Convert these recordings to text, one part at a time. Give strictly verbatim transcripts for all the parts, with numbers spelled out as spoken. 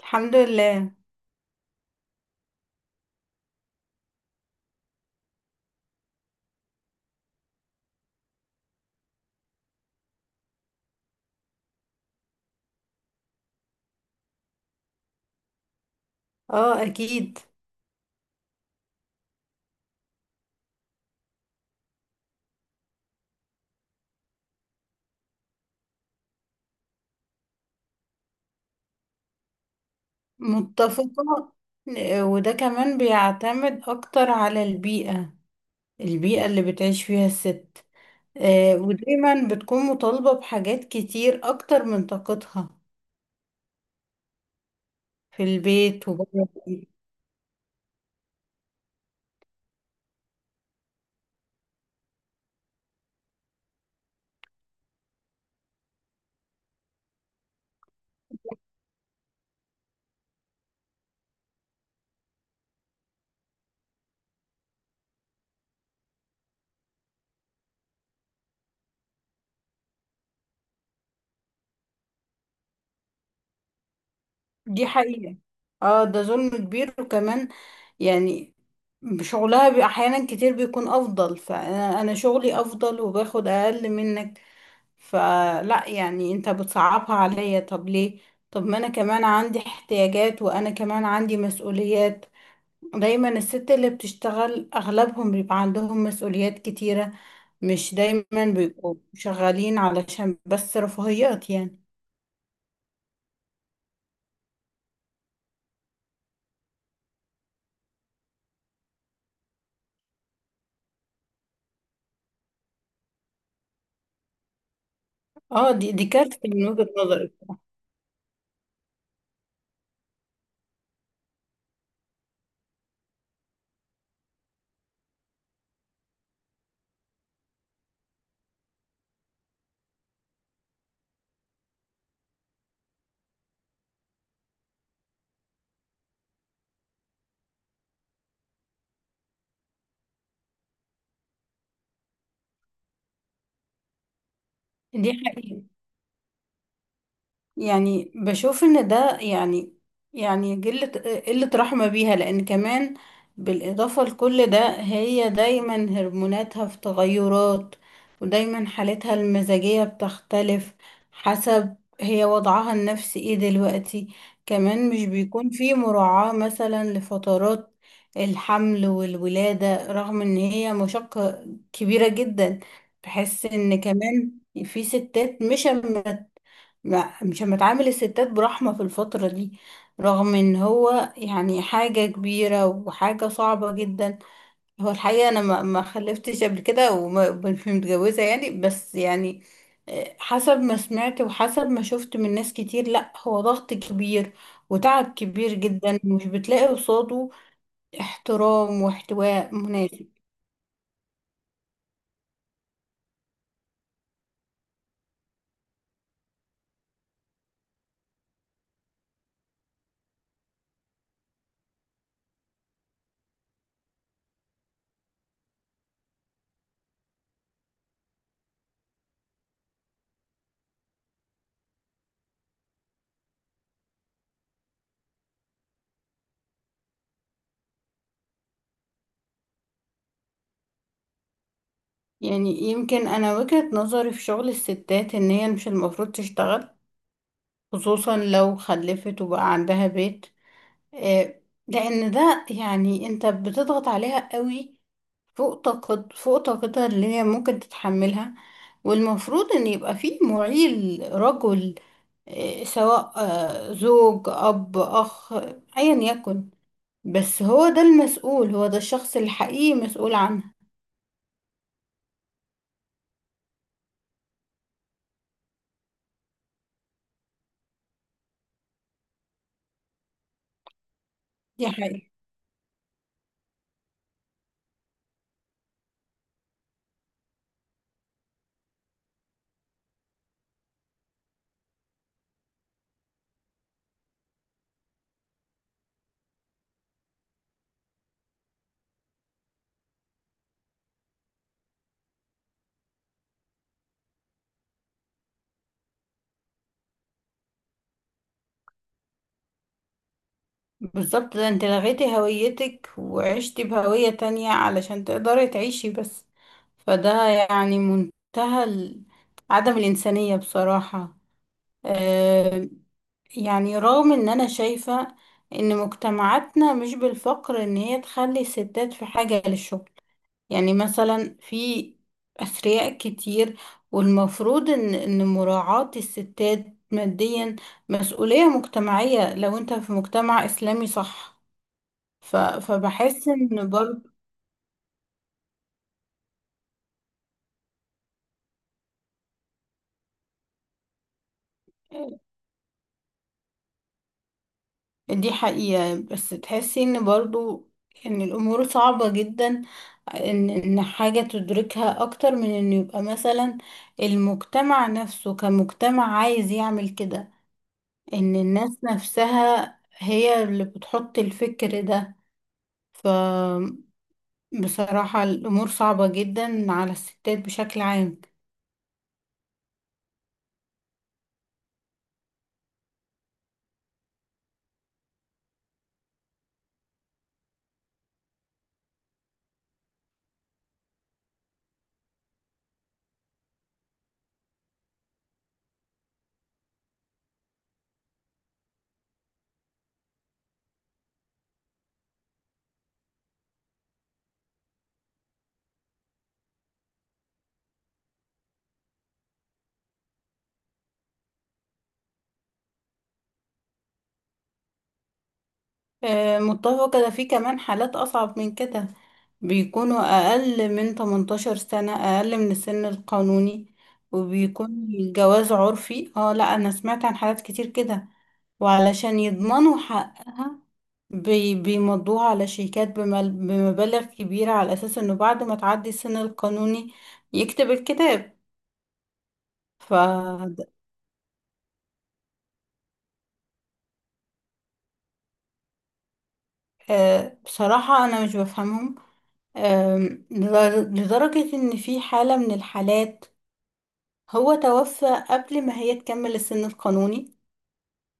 الحمد لله. اه، اكيد. متفقة. آه، وده كمان بيعتمد اكتر على البيئة البيئة اللي بتعيش فيها الست. آه، ودايما بتكون مطالبة بحاجات كتير اكتر من طاقتها، في البيت وبره البيت. دي حقيقة. اه، ده ظلم كبير وكمان. يعني شغلها بي- احيانا كتير بيكون افضل، فانا أنا شغلي افضل وباخد اقل منك، فلا يعني انت بتصعبها عليا. طب ليه؟ طب ما انا كمان عندي احتياجات، وانا كمان عندي مسؤوليات. دايما الست اللي بتشتغل اغلبهم بيبقى عندهم مسؤوليات كتيرة، مش دايما بيبقوا شغالين علشان بس رفاهيات يعني. اه، دي دي كارثة من وجهة نظري. دي حقيقة. يعني بشوف ان ده يعني يعني قلة قلة رحمة بيها، لان كمان بالاضافة لكل ده، هي دايما هرموناتها في تغيرات، ودايما حالتها المزاجية بتختلف حسب هي وضعها النفسي ايه دلوقتي. كمان مش بيكون في مراعاة مثلا لفترات الحمل والولادة، رغم ان هي مشقة كبيرة جدا. بحس ان كمان في ستات مش ما- مش متعامل الستات برحمة في الفترة دي، رغم ان هو يعني حاجة كبيرة وحاجة صعبة جدا. هو الحقيقة انا ما ما خلفتش قبل كده، ومش متجوزة يعني، بس يعني آه، حسب ما سمعت وحسب ما شفت من ناس كتير، لا هو ضغط كبير وتعب كبير جدا، مش بتلاقي قصاده احترام واحتواء مناسب. يعني يمكن انا وجهة نظري في شغل الستات ان هي مش المفروض تشتغل، خصوصا لو خلفت وبقى عندها بيت. آه، لان ده يعني انت بتضغط عليها قوي، فوق طاقت فوق طاقتها اللي هي ممكن تتحملها. والمفروض ان يبقى في معيل رجل، آه، سواء آه، زوج، اب، اخ، ايا يكن. بس هو ده المسؤول، هو ده الشخص الحقيقي مسؤول عنها. دي حقيقة. بالظبط، ده انت لغيتي هويتك وعشتي بهوية تانية علشان تقدري تعيشي بس. فده يعني منتهى ال- عدم الإنسانية بصراحة. آه، يعني رغم ان انا شايفة ان مجتمعاتنا مش بالفقر ان هي تخلي الستات في حاجة للشغل، يعني مثلا في أثرياء كتير، والمفروض ان ان مراعاة الستات ماديا مسؤولية مجتمعية، لو انت في مجتمع إسلامي، صح. ف... فبحس ان برضو دي حقيقة. بس تحسي ان برضو ان الامور صعبة جدا، ان ان حاجة تدركها اكتر من ان يبقى مثلا المجتمع نفسه كمجتمع عايز يعمل كده، ان الناس نفسها هي اللي بتحط الفكر ده. ف بصراحة الامور صعبة جدا على الستات بشكل عام. آه، متفقة. ده في كمان حالات أصعب من كده، بيكونوا أقل من تمنتاشر سنة، أقل من السن القانوني، وبيكون الجواز عرفي. اه، لا أنا سمعت عن حالات كتير كده. وعلشان يضمنوا حقها، بي بيمضوها على شيكات بمل- بمبالغ كبيرة، على أساس إنه بعد ما تعدي السن القانوني يكتب الكتاب. ف آه، بصراحة أنا مش بفهمهم. آم، لدر- لدرجة إن في حالة من الحالات هو توفى قبل ما هي تكمل السن القانوني،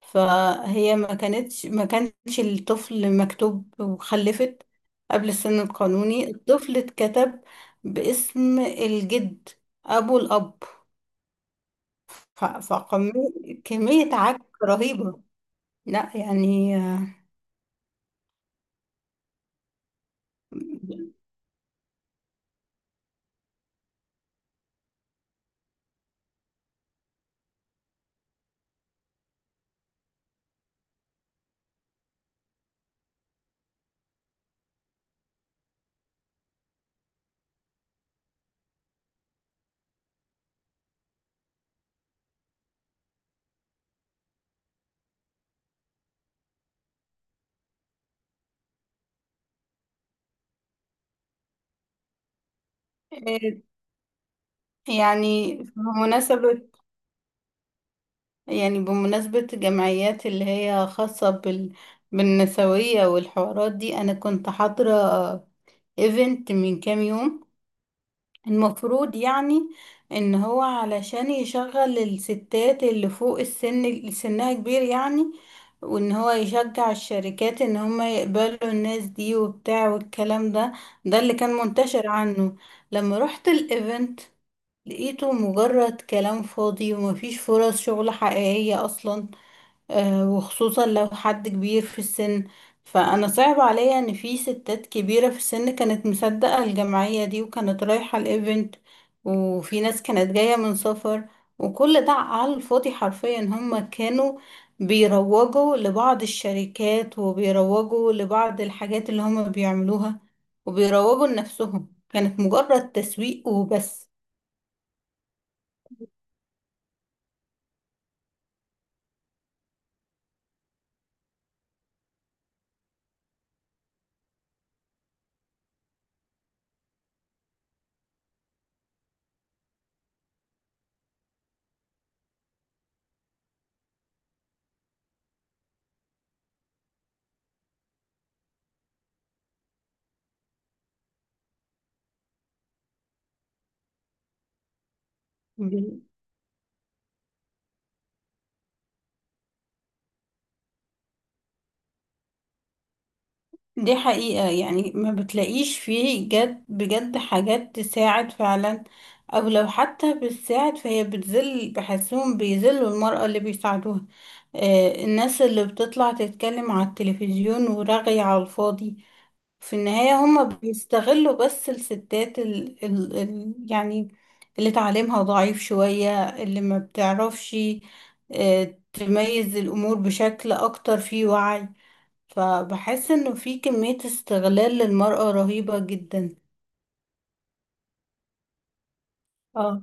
فهي ما كانتش ما كانش الطفل مكتوب، وخلفت قبل السن القانوني، الطفل اتكتب باسم الجد، ابو الاب. ف- فكمية كمية عك رهيبة، لا يعني. آه، يعني بمناسبة يعني بمناسبة جمعيات اللي هي خاصة بال بالنسوية والحوارات دي، أنا كنت حاضرة ايفنت من كام يوم. المفروض يعني ان هو علشان يشغل الستات اللي فوق السن، اللي سنها كبير يعني، وان هو يشجع الشركات ان هم يقبلوا الناس دي وبتاع والكلام ده ده اللي كان منتشر عنه. لما رحت الايفنت لقيته مجرد كلام فاضي ومفيش فرص شغل حقيقية اصلا. آه، وخصوصا لو حد كبير في السن، فأنا صعب عليا إن في ستات كبيرة في السن كانت مصدقة الجمعية دي وكانت رايحة الإيفنت، وفي ناس كانت جاية من سفر، وكل ده على الفاضي حرفيا. هما كانوا بيروجوا لبعض الشركات، وبيروجوا لبعض الحاجات اللي هما بيعملوها، وبيروجوا لنفسهم. كانت مجرد تسويق وبس. دي حقيقة. يعني ما بتلاقيش فيه جد بجد حاجات تساعد فعلا، او لو حتى بتساعد فهي بتذل، بحسهم بيذلوا المرأة اللي بيساعدوها. آه الناس اللي بتطلع تتكلم على التلفزيون ورغي على الفاضي، في النهاية هما بيستغلوا بس الستات ال ال ال يعني اللي تعليمها ضعيف شوية، اللي ما بتعرفش آه تميز الأمور بشكل أكتر، فيه وعي. فبحس انه في كمية استغلال للمرأة رهيبة جدا. اه،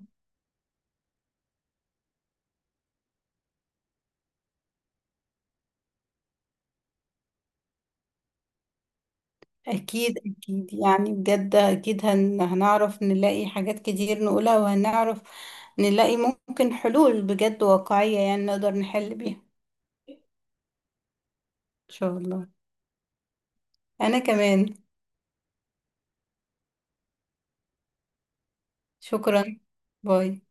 اكيد اكيد، يعني بجد اكيد هن هنعرف نلاقي حاجات كتير نقولها، وهنعرف نلاقي ممكن حلول بجد واقعية يعني نقدر نحل بيها. ان شاء الله. انا كمان. شكرا. باي.